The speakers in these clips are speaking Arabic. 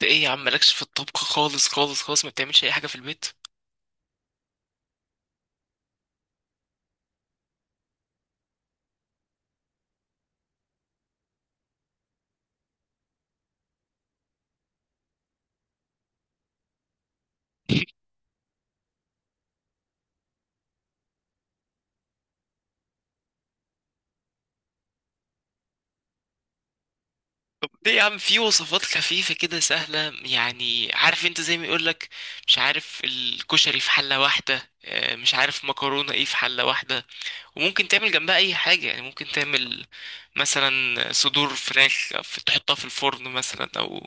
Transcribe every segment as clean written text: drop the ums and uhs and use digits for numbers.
ده ايه يا عم؟ مالكش في الطبخ خالص خالص خالص، ما بتعملش اي حاجه في البيت؟ طب ليه يا عم؟ في وصفات خفيفه كده سهله، يعني عارف انت زي ما يقولك مش عارف الكشري في حله واحده، مش عارف مكرونه ايه في حله واحده، وممكن تعمل جنبها اي حاجه. يعني ممكن تعمل مثلا صدور فراخ تحطها في الفرن مثلا، او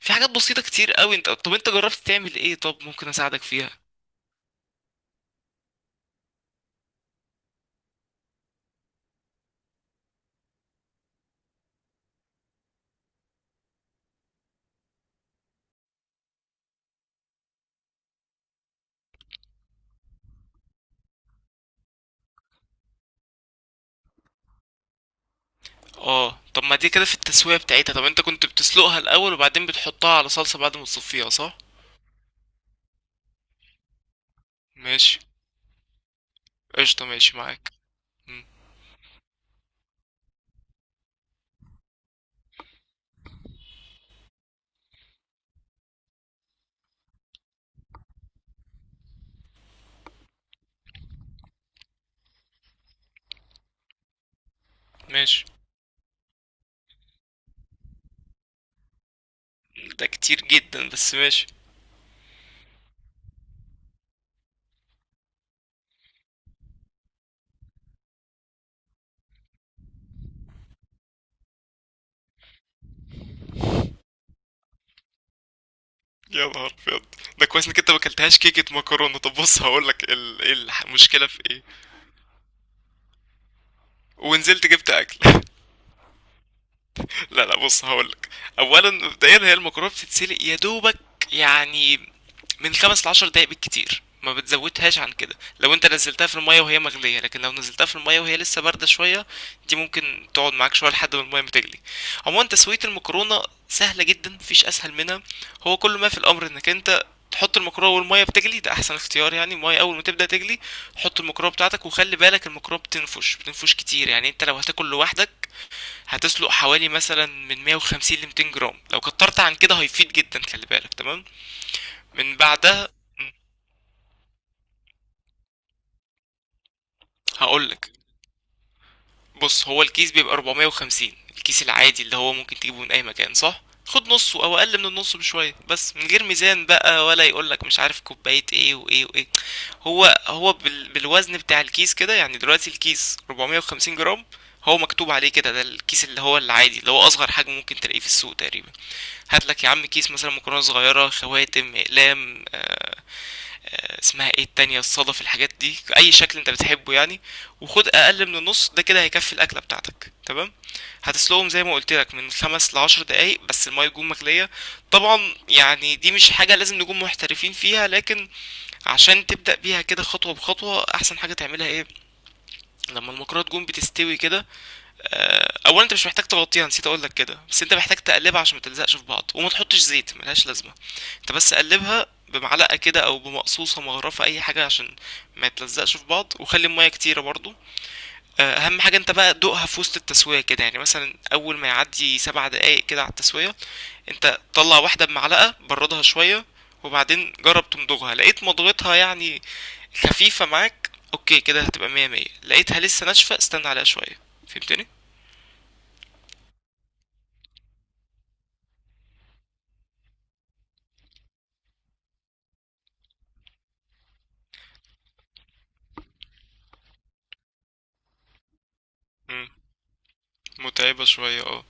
في حاجات بسيطه كتير قوي. انت طب انت جربت تعمل ايه؟ طب ممكن اساعدك فيها. اه طب ما دي كده في التسوية بتاعتها. طب انت كنت بتسلقها الأول وبعدين بتحطها على صلصة بعد ما تصفيها، صح؟ ماشي. قشطة، ماشي معاك. مم. ماشي، ده كتير جدا، بس ماشي. يا نهار ابيض، ده كويس انك انت ما اكلتهاش كيكة مكرونة. طب بص هقولك المشكلة في ايه. ونزلت جبت اكل. لا لا، بص هقولك. اولا مبدئيا هي المكرونه بتتسلق يا دوبك، يعني من 5 لـ 10 دقايق بالكتير، ما بتزودهاش عن كده لو انت نزلتها في المية وهي مغلية، لكن لو نزلتها في المية وهي لسه باردة شوية، دي ممكن تقعد معاك شوية لحد ما المية ما تغلي. عموما تسوية المكرونة سهلة جدا، مفيش اسهل منها. هو كل ما في الامر انك انت تحط المكرونه والميه بتغلي. ده احسن اختيار، يعني الميه اول ما تبدا تغلي حط المكرونه بتاعتك، وخلي بالك المكرونه بتنفش بتنفش كتير. يعني انت لو هتاكل لوحدك هتسلق حوالي مثلا من 150 ل 200 جرام، لو كترت عن كده هيفيد جدا، خلي بالك. تمام، من بعدها هقولك. بص هو الكيس بيبقى 450، الكيس العادي اللي هو ممكن تجيبه من اي مكان، صح؟ خد نصه او اقل من النص بشويه، بس من غير ميزان بقى، ولا يقولك مش عارف كوبايه ايه وايه وايه. هو هو بالوزن بتاع الكيس كده، يعني دلوقتي الكيس 450 جرام، هو مكتوب عليه كده. ده الكيس اللي هو العادي اللي هو اصغر حجم ممكن تلاقيه في السوق تقريبا. هات لك يا عم كيس مثلا مكرونه صغيره، خواتم، اقلام، اسمها ايه التانية، الصدف، الحاجات دي، اي شكل انت بتحبه يعني. وخد اقل من النص ده، كده هيكفي الاكله بتاعتك. تمام. هتسلقهم زي ما قلت لك من 5 لـ 10 دقايق، بس الميه تكون مغليه. طبعا يعني دي مش حاجه لازم نكون محترفين فيها، لكن عشان تبدأ بيها كده خطوة بخطوة، أحسن حاجة تعملها إيه؟ لما المكرونة تكون بتستوي كده، اولا انت مش محتاج تغطيها، نسيت اقول لك كده، بس انت محتاج تقلبها عشان ما تلزقش في بعض، وما تحطش زيت ملهاش لازمه. انت بس قلبها بمعلقه كده، او بمقصوصه، مغرفه، اي حاجه عشان ما تلزقش في بعض، وخلي الميه كتيره برضو. اهم حاجه انت بقى دوقها في وسط التسويه كده، يعني مثلا اول ما يعدي 7 دقايق كده على التسويه، انت طلع واحده بمعلقه، بردها شويه، وبعدين جرب تمضغها. لقيت مضغتها يعني خفيفه معاك، اوكي كده هتبقى مية مية. لقيتها لسه ناشفه، استنى عليها شويه. فهمتني؟ متعبة شوية، اه.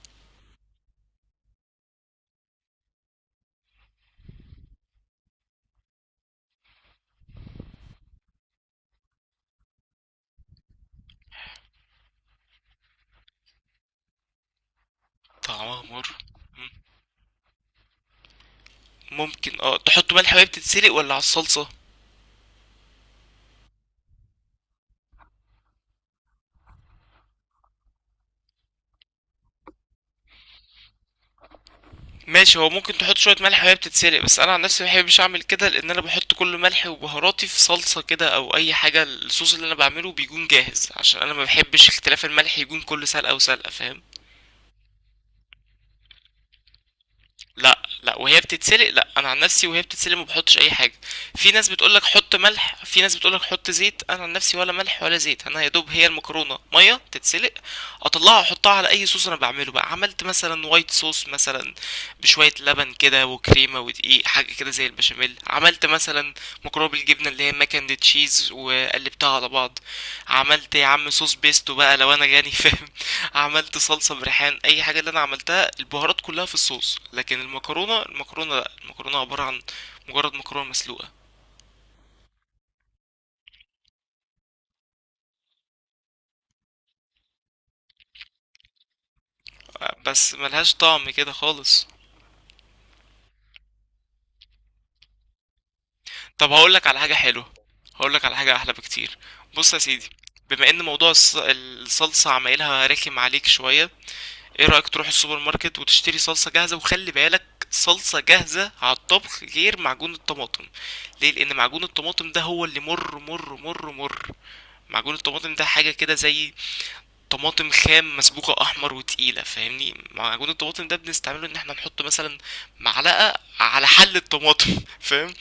طعمها مر؟ ممكن تحط ملح وهي بتتسلق ولا على الصلصة. ماشي، هو ممكن تحط شوية ملح وهي بتتسلق، بس انا عن نفسي مبحبش اعمل كده، لان انا بحط كل ملحي وبهاراتي في صلصة كده او اي حاجة. الصوص اللي انا بعمله بيكون جاهز، عشان انا مبحبش اختلاف الملح يكون كل سلقة وسلقة، فاهم؟ لا لا، وهي بتتسلق لا، انا عن نفسي وهي بتتسلق ما بحطش اي حاجه. في ناس بتقولك حط ملح، في ناس بتقولك حط زيت، انا عن نفسي ولا ملح ولا زيت. انا يا دوب هي المكرونه ميه تتسلق، اطلعها احطها على اي صوص انا بعمله بقى. عملت مثلا وايت صوص، مثلا بشويه لبن كده وكريمه ودقيق، حاجه كده زي البشاميل. عملت مثلا مكرونه بالجبنه اللي هي ماكن تشيز وقلبتها على بعض. عملت يا عم صوص بيستو بقى لو انا جاني. فاهم؟ عملت صلصة بريحان، اي حاجة اللي انا عملتها البهارات كلها في الصوص، لكن المكرونة، المكرونة لا، المكرونة عبارة عن مجرد مكرونة مسلوقة. بس ملهاش طعم كده خالص. طب هقولك على حاجة حلوة، هقولك على حاجة احلى بكتير. بص يا سيدي، بما ان موضوع الصلصة عمايلها رخم عليك شوية، ايه رأيك تروح السوبر ماركت وتشتري صلصة جاهزة؟ وخلي بالك، صلصة جاهزة على الطبخ، غير معجون الطماطم. ليه؟ لان معجون الطماطم ده هو اللي مر مر مر مر. معجون الطماطم ده حاجة كده زي طماطم خام مسبوكة أحمر وتقيلة، فاهمني؟ معجون الطماطم ده بنستعمله إن احنا نحط مثلا معلقة على حل الطماطم. فاهم؟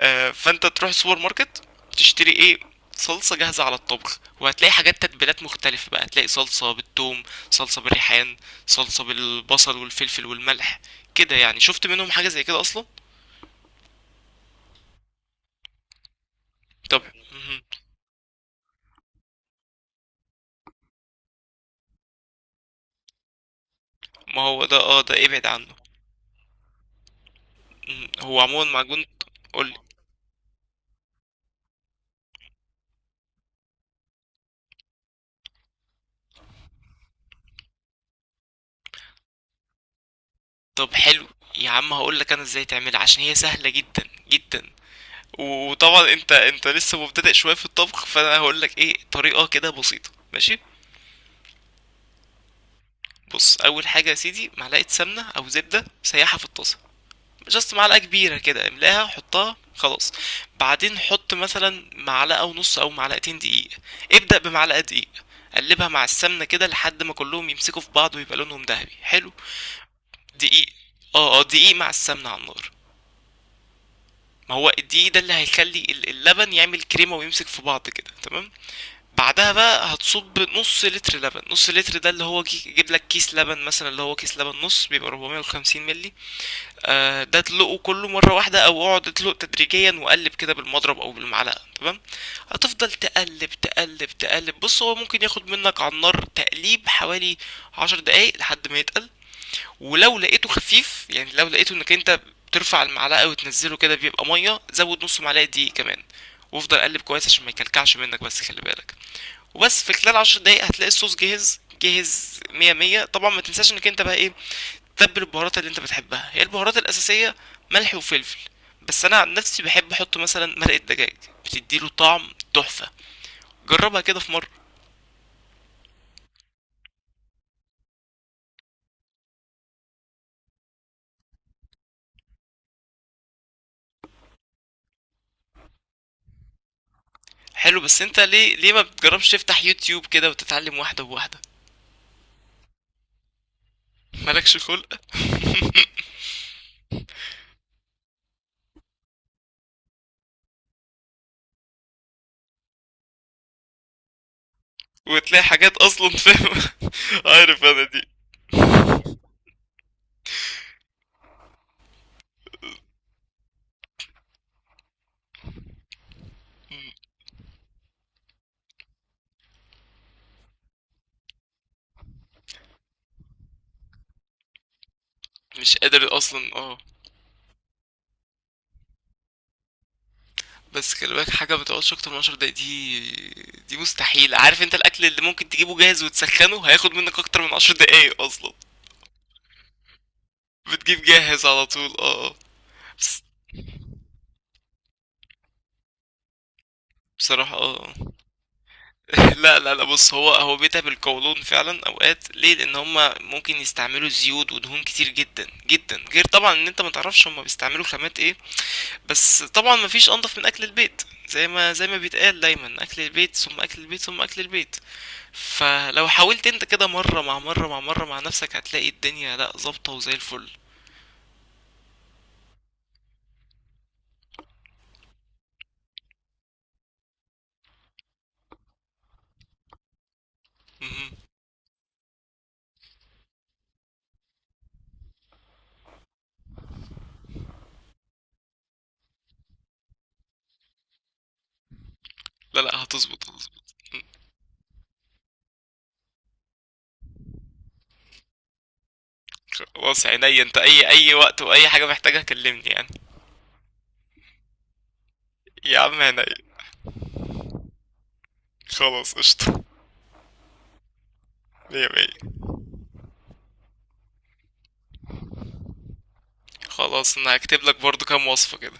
آه، فأنت تروح السوبر ماركت تشتري إيه؟ صلصة جاهزة على الطبخ، وهتلاقي حاجات تتبيلات مختلفة بقى. هتلاقي صلصة بالثوم، صلصة بالريحان، صلصة بالبصل والفلفل والملح، كده يعني. شفت منهم حاجة زي كده أصلا؟ طب مهم. ما هو ده، اه ده ابعد عنه. هو عموما معجون. قول. طب حلو، يا عم هقول لك انا ازاي تعملها، عشان هي سهله جدا جدا. وطبعا انت انت لسه مبتدئ شويه في الطبخ، فانا هقول لك ايه طريقه كده بسيطه، ماشي؟ بص اول حاجه يا سيدي، معلقه سمنه او زبده سيحها في الطاسه، جاست معلقه كبيره كده املاها حطها خلاص. بعدين حط مثلا معلقه ونص او معلقتين دقيق، ابدا بمعلقه دقيق، قلبها مع السمنه كده لحد ما كلهم يمسكوا في بعض ويبقى لونهم ذهبي حلو. دقيق؟ اه اه، دقيق مع السمنه على النار. ما هو دي ده اللي هيخلي اللبن يعمل كريمة ويمسك في بعض كده، تمام. بعدها بقى هتصب نص لتر لبن، نص لتر ده اللي هو يجيب لك كيس لبن مثلا، اللي هو كيس لبن نص بيبقى 450 مللي. ده تدلقه كله مرة واحدة او اقعد ادلق تدريجيا وقلب كده بالمضرب او بالمعلقة، تمام. هتفضل تقلب تقلب تقلب. بص هو ممكن ياخد منك على النار تقليب حوالي 10 دقايق لحد ما يتقل، ولو لقيته خفيف، يعني لو لقيته انك انت بترفع المعلقه وتنزله كده بيبقى ميه، زود نص معلقه دقيق كمان وافضل قلب كويس عشان ما يكلكعش منك، بس خلي بالك. وبس في خلال 10 دقايق هتلاقي الصوص جاهز، جاهز مية مية. طبعا ما تنساش انك انت بقى ايه، تتبل البهارات اللي انت بتحبها. هي البهارات الاساسيه ملح وفلفل، بس انا عن نفسي بحب احط مثلا مرقه دجاج، بتديله طعم تحفه، جربها كده في مره. حلو، بس انت ليه ليه ما بتجربش تفتح يوتيوب كده وتتعلم واحده بواحده؟ مالكش خلق؟ وتلاقي حاجات اصلا، فاهم؟ عارف انا دي. مش قادر اصلا، اه. بس خلي بالك، حاجه ما بتقعدش اكتر من 10 دقايق دي، دي مستحيل. عارف انت الاكل اللي ممكن تجيبه جاهز وتسخنه هياخد منك اكتر من 10 دقايق اصلا. بتجيب جاهز على طول، اه آه. بس- بصراحة لا لا لا، بص هو هو بيتها بالقولون فعلا اوقات. ليه؟ لان هما ممكن يستعملوا زيوت ودهون كتير جدا جدا، غير طبعا ان انت ما تعرفش هما بيستعملوا خامات ايه. بس طبعا مفيش انضف من اكل البيت، زي ما بيتقال دايما، اكل البيت ثم اكل البيت ثم اكل البيت. فلو حاولت انت كده مره مع مره مع مره مع نفسك، هتلاقي الدنيا لا، ظابطه وزي الفل. مهم. لا لا، هتظبط هتظبط. خلاص عينيا، انت اي وقت واي حاجه محتاجها كلمني يعني. يا عم عينيا. خلاص قشطه. مية مية. خلاص انا هكتب لك برضو كام وصفه كده.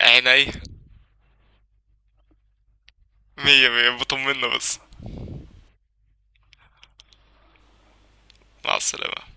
عينيا. مية مية، بطمنا بس. مع السلامه.